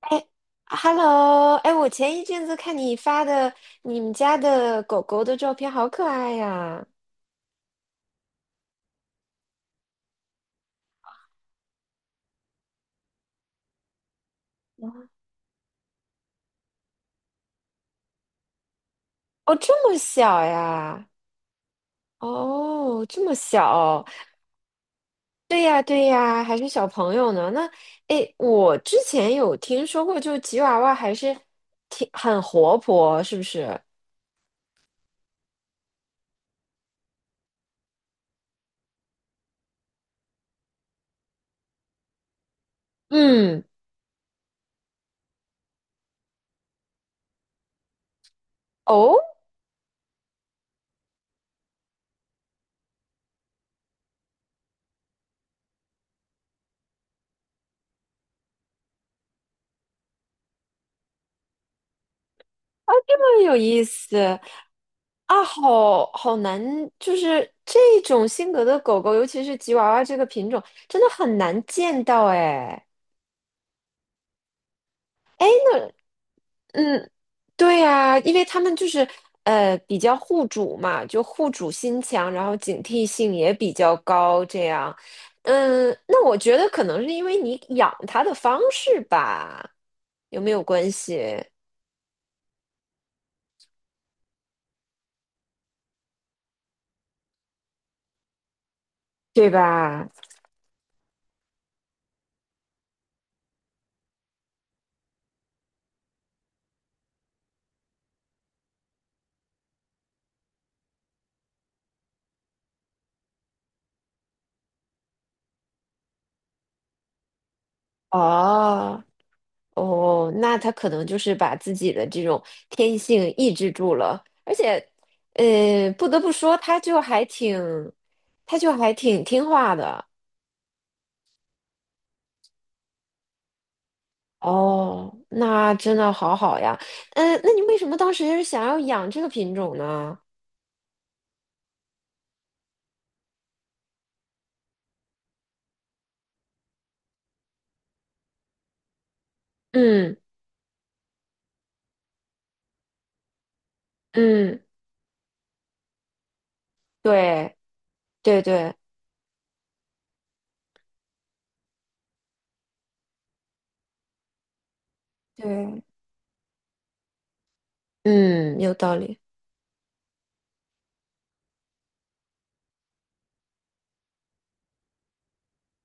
哎，Hello，哎，我前一阵子看你发的你们家的狗狗的照片，好可爱呀 哦，这么小呀？哦，这么小？对呀，对呀，还是小朋友呢。那，哎，我之前有听说过，就吉娃娃还是挺很活泼，是不是？嗯，哦，啊，这么有意思啊，好好难，就是这种性格的狗狗，尤其是吉娃娃这个品种，真的很难见到哎。嗯，对呀，因为他们就是比较护主嘛，就护主心强，然后警惕性也比较高，这样。嗯，那我觉得可能是因为你养它的方式吧，有没有关系？对吧？哦。哦，那他可能就是把自己的这种天性抑制住了，而且，不得不说，他就还挺听话的。哦，那真的好好呀。嗯，那你为什么当时想要养这个品种呢？嗯嗯，对对对，对，嗯，有道理。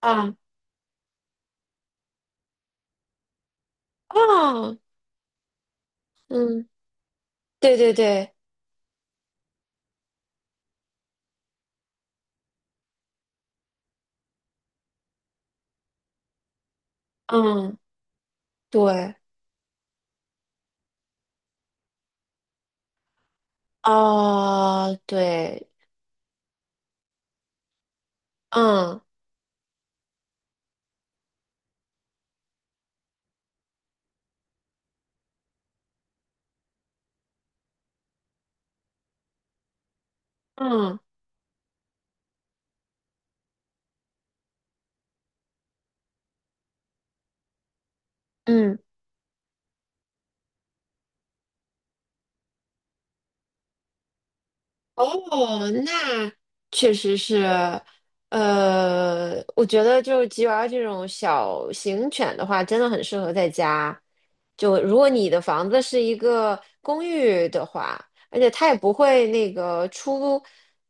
啊啊，嗯，对对对，嗯，对，啊，对，嗯嗯。嗯，哦，那确实是，我觉得就是吉娃娃这种小型犬的话，真的很适合在家。就如果你的房子是一个公寓的话，而且它也不会那个出，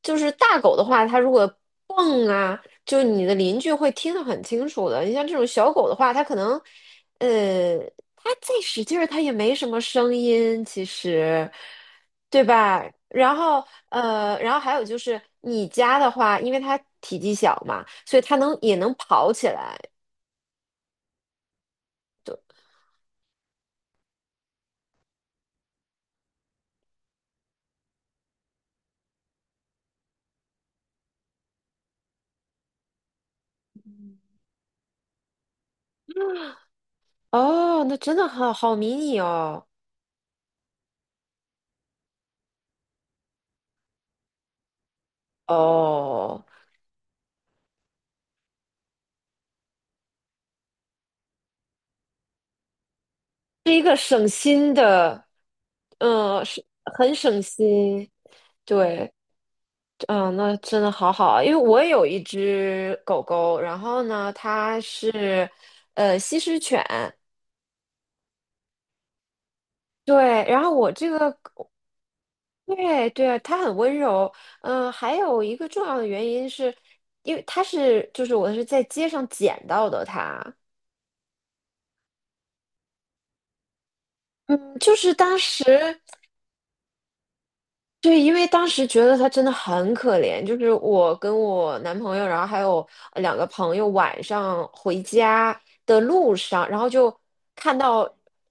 就是大狗的话，它如果蹦啊，就你的邻居会听得很清楚的。你像这种小狗的话，它可能，呃，它再使劲儿，它也没什么声音，其实。对吧？然后还有就是你家的话，因为它体积小嘛，所以它能也能跑起来。哦，那真的好好迷你哦。哦，是一个省心的，嗯，是很省心。对，嗯，那真的好好啊，因为我也有一只狗狗，然后呢，它是西施犬，对，然后我这个对对啊，他很温柔。还有一个重要的原因是，因为他是就是我是在街上捡到的他。嗯，就是当时。对，因为当时觉得他真的很可怜，就是我跟我男朋友，然后还有两个朋友，晚上回家的路上，然后就看到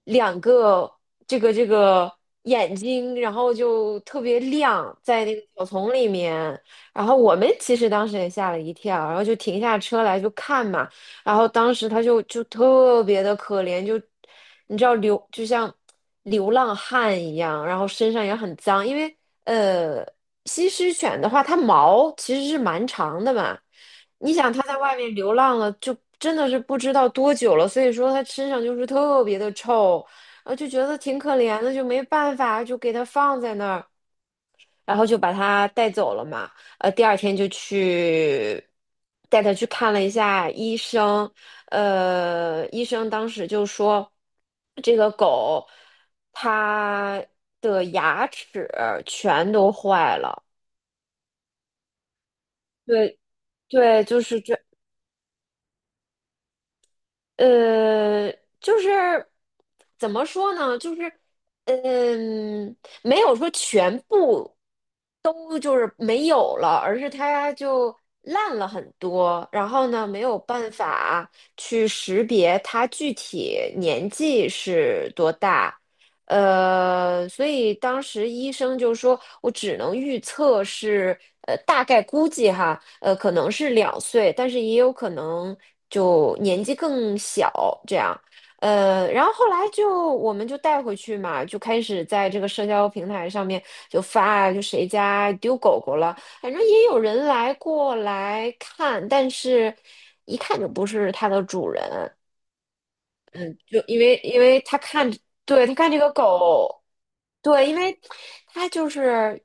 两个这个眼睛，然后就特别亮，在那个草丛里面。然后我们其实当时也吓了一跳，然后就停下车来就看嘛。然后当时他就特别的可怜，就你知道流就像流浪汉一样，然后身上也很脏，因为呃，西施犬的话，它毛其实是蛮长的嘛。你想，它在外面流浪了，就真的是不知道多久了，所以说它身上就是特别的臭，就觉得挺可怜的，就没办法，就给它放在那儿。然后就把它带走了嘛。第二天就去带它去看了一下医生，医生当时就说，这个狗它的牙齿全都坏了。对对，就是这。呃，就是怎么说呢？就是嗯，没有说全部都就是没有了，而是它就烂了很多。然后呢，没有办法去识别它具体年纪是多大，所以当时医生就说，我只能预测是，大概估计哈，可能是两岁，但是也有可能就年纪更小这样。然后后来就我们就带回去嘛，就开始在这个社交平台上面就发，就谁家丢狗狗了，反正也有人来过来看，但是一看就不是它的主人。就因为他看，对，他看这个狗，对，因为他就是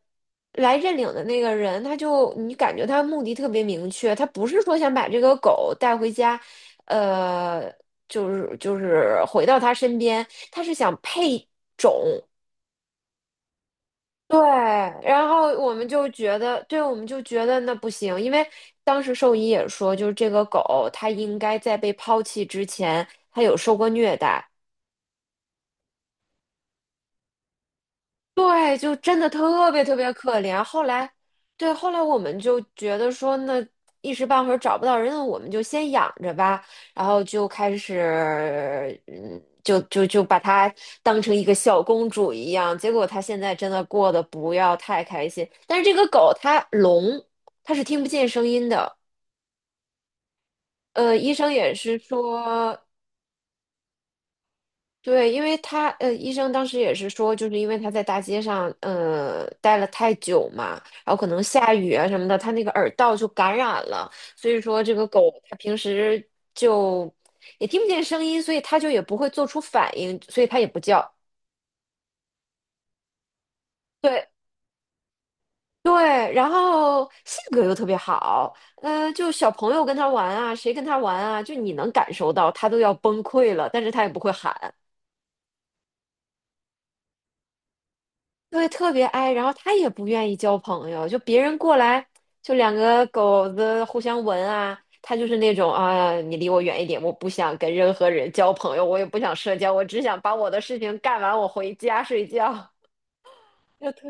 来认领的那个人，他就你感觉他目的特别明确，他不是说想把这个狗带回家，呃，就是回到他身边，他是想配种。对，然后我们就觉得，对，我们就觉得那不行，因为当时兽医也说，就是这个狗它应该在被抛弃之前，它有受过虐待，对，就真的特别特别可怜。后来，对，后来我们就觉得说，那一时半会儿找不到人，那我们就先养着吧。然后就开始，嗯，就把它当成一个小公主一样。结果它现在真的过得不要太开心。但是这个狗它聋，它是听不见声音的。医生也是说。对，因为他呃，医生当时也是说，就是因为他在大街上待了太久嘛，然后可能下雨啊什么的，他那个耳道就感染了，所以说这个狗它平时就也听不见声音，所以它就也不会做出反应，所以它也不叫。对对，然后性格又特别好，就小朋友跟他玩啊，谁跟他玩啊，就你能感受到他都要崩溃了，但是他也不会喊。对，特别 i，然后他也不愿意交朋友，就别人过来，就两个狗子互相闻啊，他就是那种啊，你离我远一点，我不想跟任何人交朋友，我也不想社交，我只想把我的事情干完，我回家睡觉。就特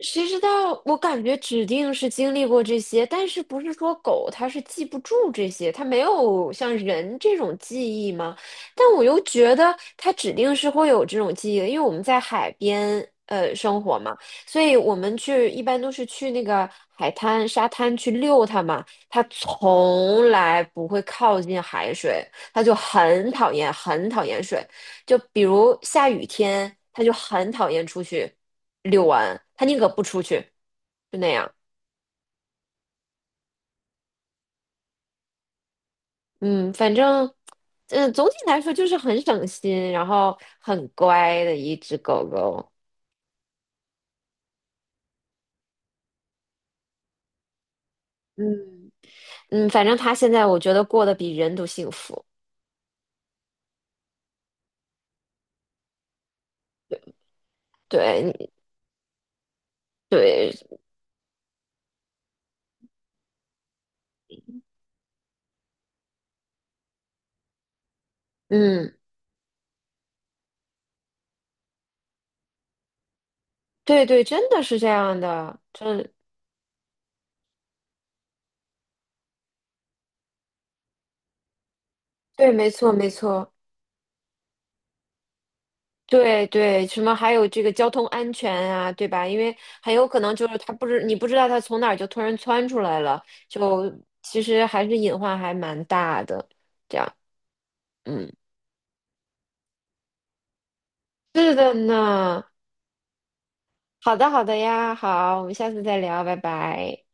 谁知道？我感觉指定是经历过这些，但是不是说狗它是记不住这些，它没有像人这种记忆吗？但我又觉得它指定是会有这种记忆的，因为我们在海边生活嘛，所以我们去一般都是去那个海滩、沙滩去遛它嘛，它从来不会靠近海水，它就很讨厌、很讨厌水，就比如下雨天，它就很讨厌出去。遛完，他宁可不出去，就那样。嗯，反正，嗯，总体来说就是很省心，然后很乖的一只狗狗。嗯，嗯，反正它现在我觉得过得比人都幸福。对，对，嗯，对对，真的是这样的，对，没错没错。对对，什么还有这个交通安全啊，对吧？因为很有可能就是他不知你不知道他从哪儿就突然窜出来了，就其实还是隐患还蛮大的。这样，嗯，是的呢。好的，好的呀，好，我们下次再聊，拜拜。